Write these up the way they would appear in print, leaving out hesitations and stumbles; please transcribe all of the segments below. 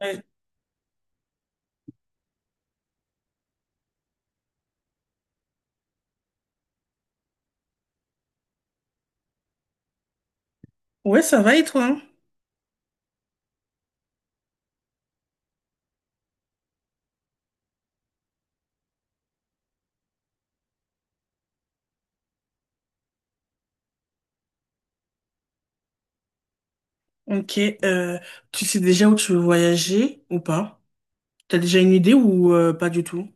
Ouais. Ouais, ça va et toi? Hein Ok, euh, tu sais déjà où tu veux voyager ou pas? T'as déjà une idée ou pas du tout?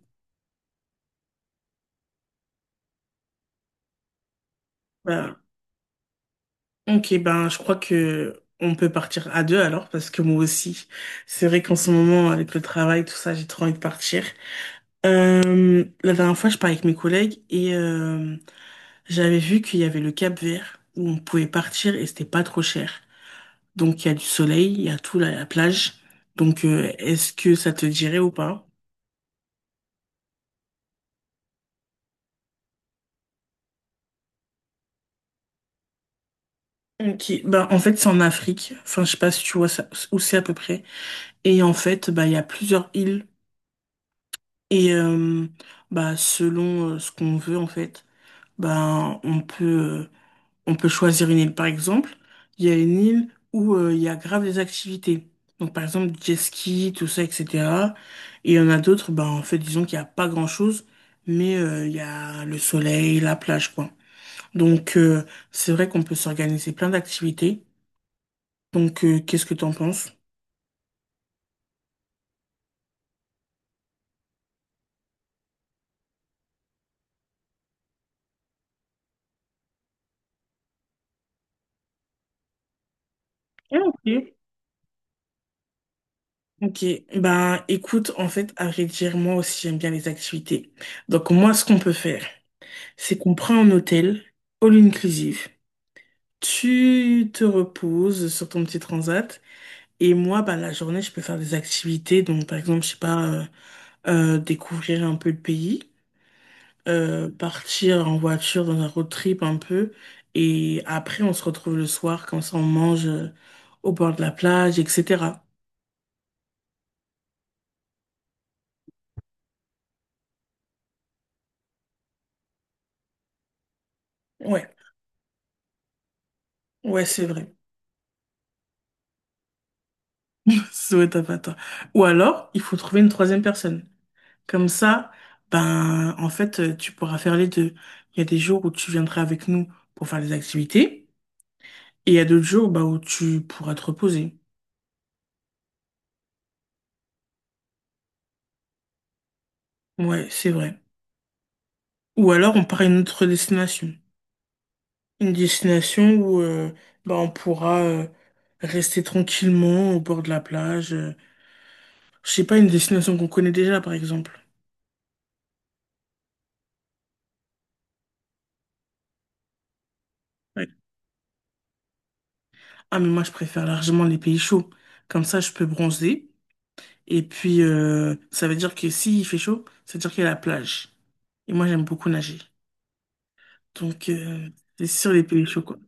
Ben, ok, ben je crois que on peut partir à deux alors parce que moi aussi, c'est vrai qu'en ce moment avec le travail tout ça, j'ai trop envie de partir. La dernière fois, je parlais avec mes collègues et j'avais vu qu'il y avait le Cap-Vert où on pouvait partir et c'était pas trop cher. Donc il y a du soleil, il y a tout là, la plage. Est-ce que ça te dirait ou pas? Ok, bah en fait c'est en Afrique, enfin je sais pas si tu vois ça, où c'est à peu près. Et en fait bah il y a plusieurs îles et bah selon ce qu'on veut en fait, bah on peut choisir une île. Par exemple, il y a une île où il y a grave des activités. Donc par exemple jet ski, tout ça, etc. Et il y en a d'autres, bah en fait disons qu'il y a pas grand-chose, mais il y a le soleil, la plage quoi. Donc euh, c'est vrai qu'on peut s'organiser plein d'activités. Qu'est-ce que t'en penses? Ah, ok, ok. Ben, écoute, en fait, à vrai dire, moi aussi, j'aime bien les activités. Donc, moi, ce qu'on peut faire, c'est qu'on prend un hôtel, all inclusive. Tu te reposes sur ton petit transat. Et moi, ben, la journée, je peux faire des activités. Donc, par exemple, je sais pas, découvrir un peu le pays, partir en voiture dans un road trip un peu. Et après, on se retrouve le soir, comme ça, on mange au bord de la plage, etc. Ouais, ouais, c'est vrai. Souhaite à pas toi. Ou alors, il faut trouver une troisième personne. Comme ça, ben, en fait, tu pourras faire les deux. Il y a des jours où tu viendras avec nous pour faire les activités, et il y a d'autres jours, bah, où tu pourras te reposer. Ouais, c'est vrai. Ou alors, on part à une autre destination. Une destination où, bah, on pourra, rester tranquillement au bord de la plage. Je sais pas, une destination qu'on connaît déjà, par exemple. Ouais. Ah, mais moi, je préfère largement les pays chauds. Comme ça, je peux bronzer. Et puis, ça veut dire que s'il fait chaud, ça veut dire qu'il y a la plage. Et moi, j'aime beaucoup nager. Donc, euh, c'est sur les pays chauds, quoi.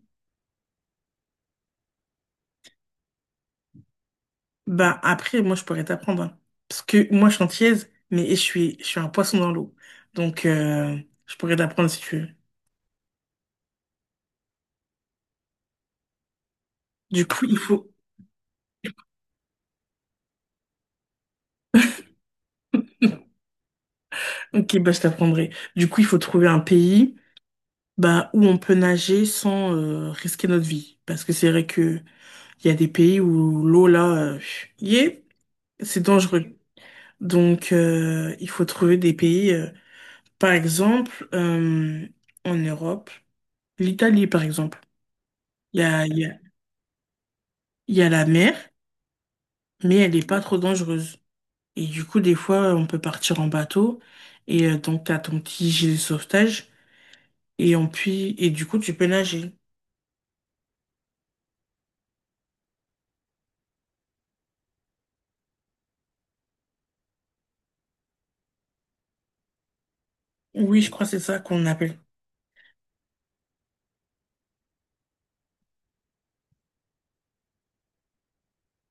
Bah, après, moi, je pourrais t'apprendre, hein. Parce que moi, je suis antillaise, mais je suis un poisson dans l'eau. Donc, euh, je pourrais t'apprendre si tu veux. Du coup, il faut... Ok, bah, je t'apprendrai. Du coup, il faut trouver un pays bah, où on peut nager sans risquer notre vie. Parce que c'est vrai que il y a des pays où l'eau, là, euh, yeah, c'est dangereux. Donc, il faut trouver des pays, par exemple, en Europe, l'Italie, par exemple. Il y a, il y a, il y a la mer, mais elle n'est pas trop dangereuse. Et du coup, des fois, on peut partir en bateau, et donc, tu as ton petit gilet de sauvetage, et du coup, tu peux nager. Oui, je crois que c'est ça qu'on appelle.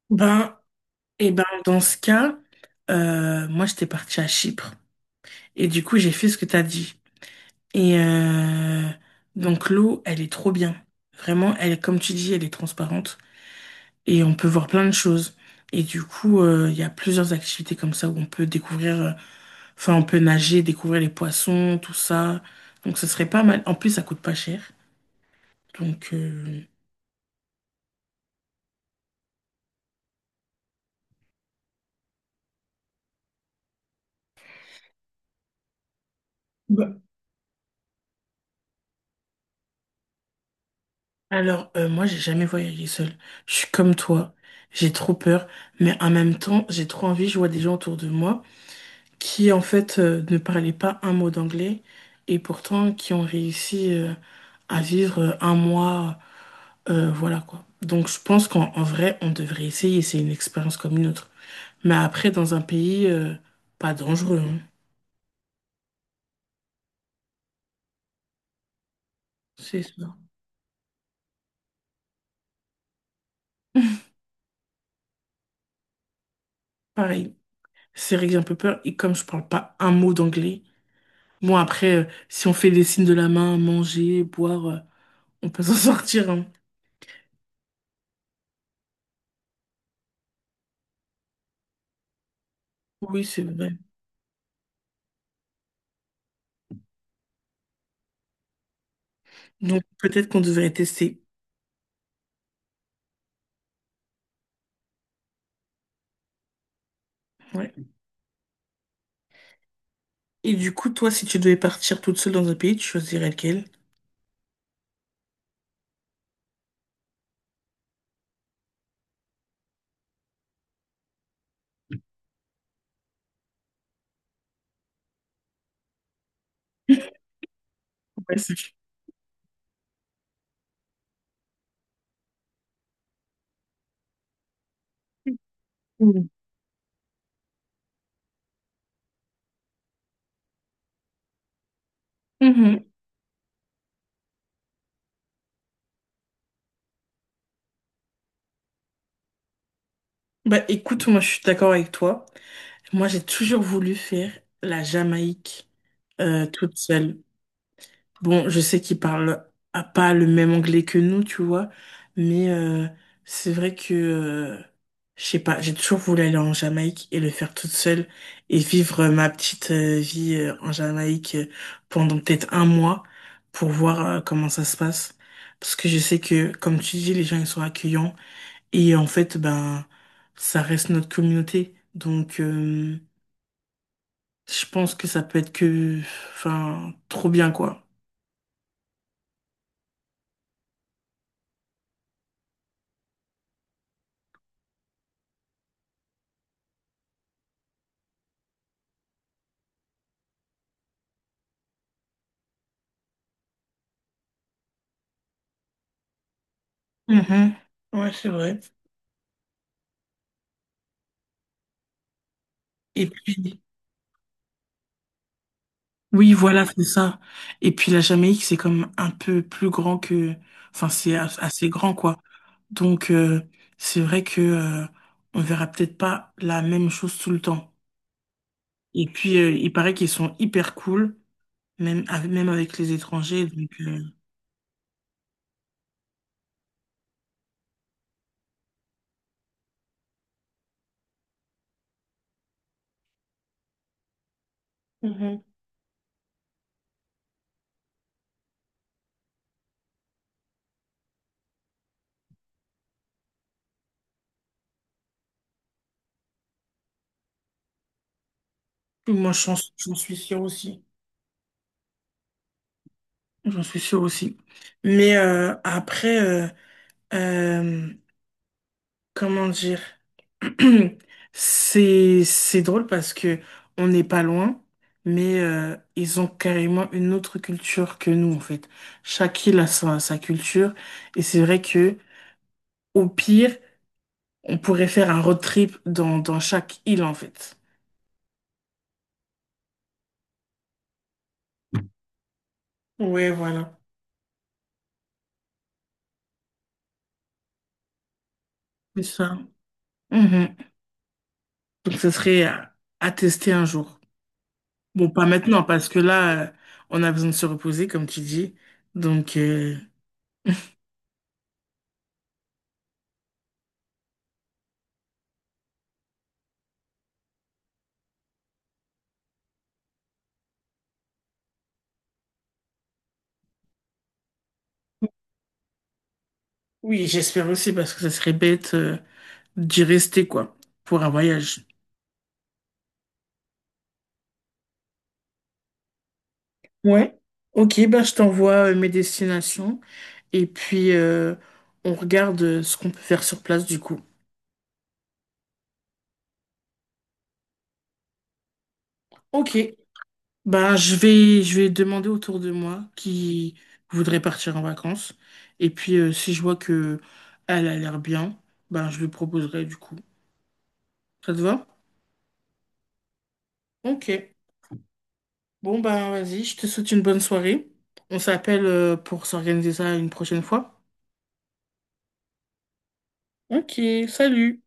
Ben, et ben, dans ce cas, moi, j'étais partie à Chypre. Et du coup, j'ai fait ce que t'as dit. Et euh, donc l'eau, elle est trop bien. Vraiment, elle est, comme tu dis, elle est transparente et on peut voir plein de choses. Et du coup, il y a plusieurs activités comme ça où on peut découvrir, enfin, on peut nager, découvrir les poissons, tout ça. Donc ce serait pas mal. En plus, ça coûte pas cher. Donc, euh, Bah, alors, moi, j'ai jamais voyagé seule. Je suis comme toi. J'ai trop peur, mais en même temps, j'ai trop envie. Je vois des gens autour de moi qui en fait ne parlaient pas un mot d'anglais et pourtant qui ont réussi à vivre un mois, voilà quoi. Donc je pense qu'en en vrai, on devrait essayer, c'est une expérience comme une autre. Mais après, dans un pays pas dangereux, hein. C'est ça. Pareil, c'est vrai que j'ai un peu peur et comme je parle pas un mot d'anglais, bon après, si on fait des signes de la main, manger, boire, on peut s'en sortir, hein. Oui, c'est vrai. Donc peut-être qu'on devrait tester. Ouais. Et du coup, toi, si tu devais partir toute seule dans un pays, tu choisirais lequel? Ouais, c'est- Mhm. Mhm. Bah écoute, moi je suis d'accord avec toi. Moi j'ai toujours voulu faire la Jamaïque toute seule. Bon, je sais qu'ils parlent à pas le même anglais que nous, tu vois, mais c'est vrai que, je sais pas, j'ai toujours voulu aller en Jamaïque et le faire toute seule et vivre ma petite vie en Jamaïque pendant peut-être un mois pour voir comment ça se passe. Parce que je sais que, comme tu dis, les gens, ils sont accueillants et en fait, ben, ça reste notre communauté. Donc, je pense que ça peut être que, enfin, trop bien, quoi. Mhm. Ouais, c'est vrai. Et puis, oui, voilà, c'est ça. Et puis la Jamaïque, c'est comme un peu plus grand que... Enfin, c'est as- assez grand, quoi. Donc, c'est vrai que on verra peut-être pas la même chose tout le temps. Et puis, il paraît qu'ils sont hyper cool, même avec les étrangers. Mhm. Moi, j'en suis sûre aussi. J'en suis sûre aussi. Mais euh, Comment dire? C'est drôle parce que on n'est pas loin, mais ils ont carrément une autre culture que nous en fait. Chaque île a sa culture et c'est vrai que au pire, on pourrait faire un road trip dans chaque île en fait. Ouais, voilà, c'est ça. Mhm. Donc ce serait à tester un jour. Bon, pas maintenant parce que là, on a besoin de se reposer comme tu dis. Donc euh, oui, j'espère aussi parce que ça serait bête, d'y rester, quoi, pour un voyage. Ouais. Ok, bah, je t'envoie mes destinations et puis on regarde ce qu'on peut faire sur place du coup. Ok, bah, je vais demander autour de moi qui voudrait partir en vacances. Et puis si je vois que elle a l'air bien, bah, je lui proposerai du coup. Ça te va? Ok, bon, bah, vas-y, je te souhaite une bonne soirée. On s'appelle pour s'organiser ça une prochaine fois. Ok, salut!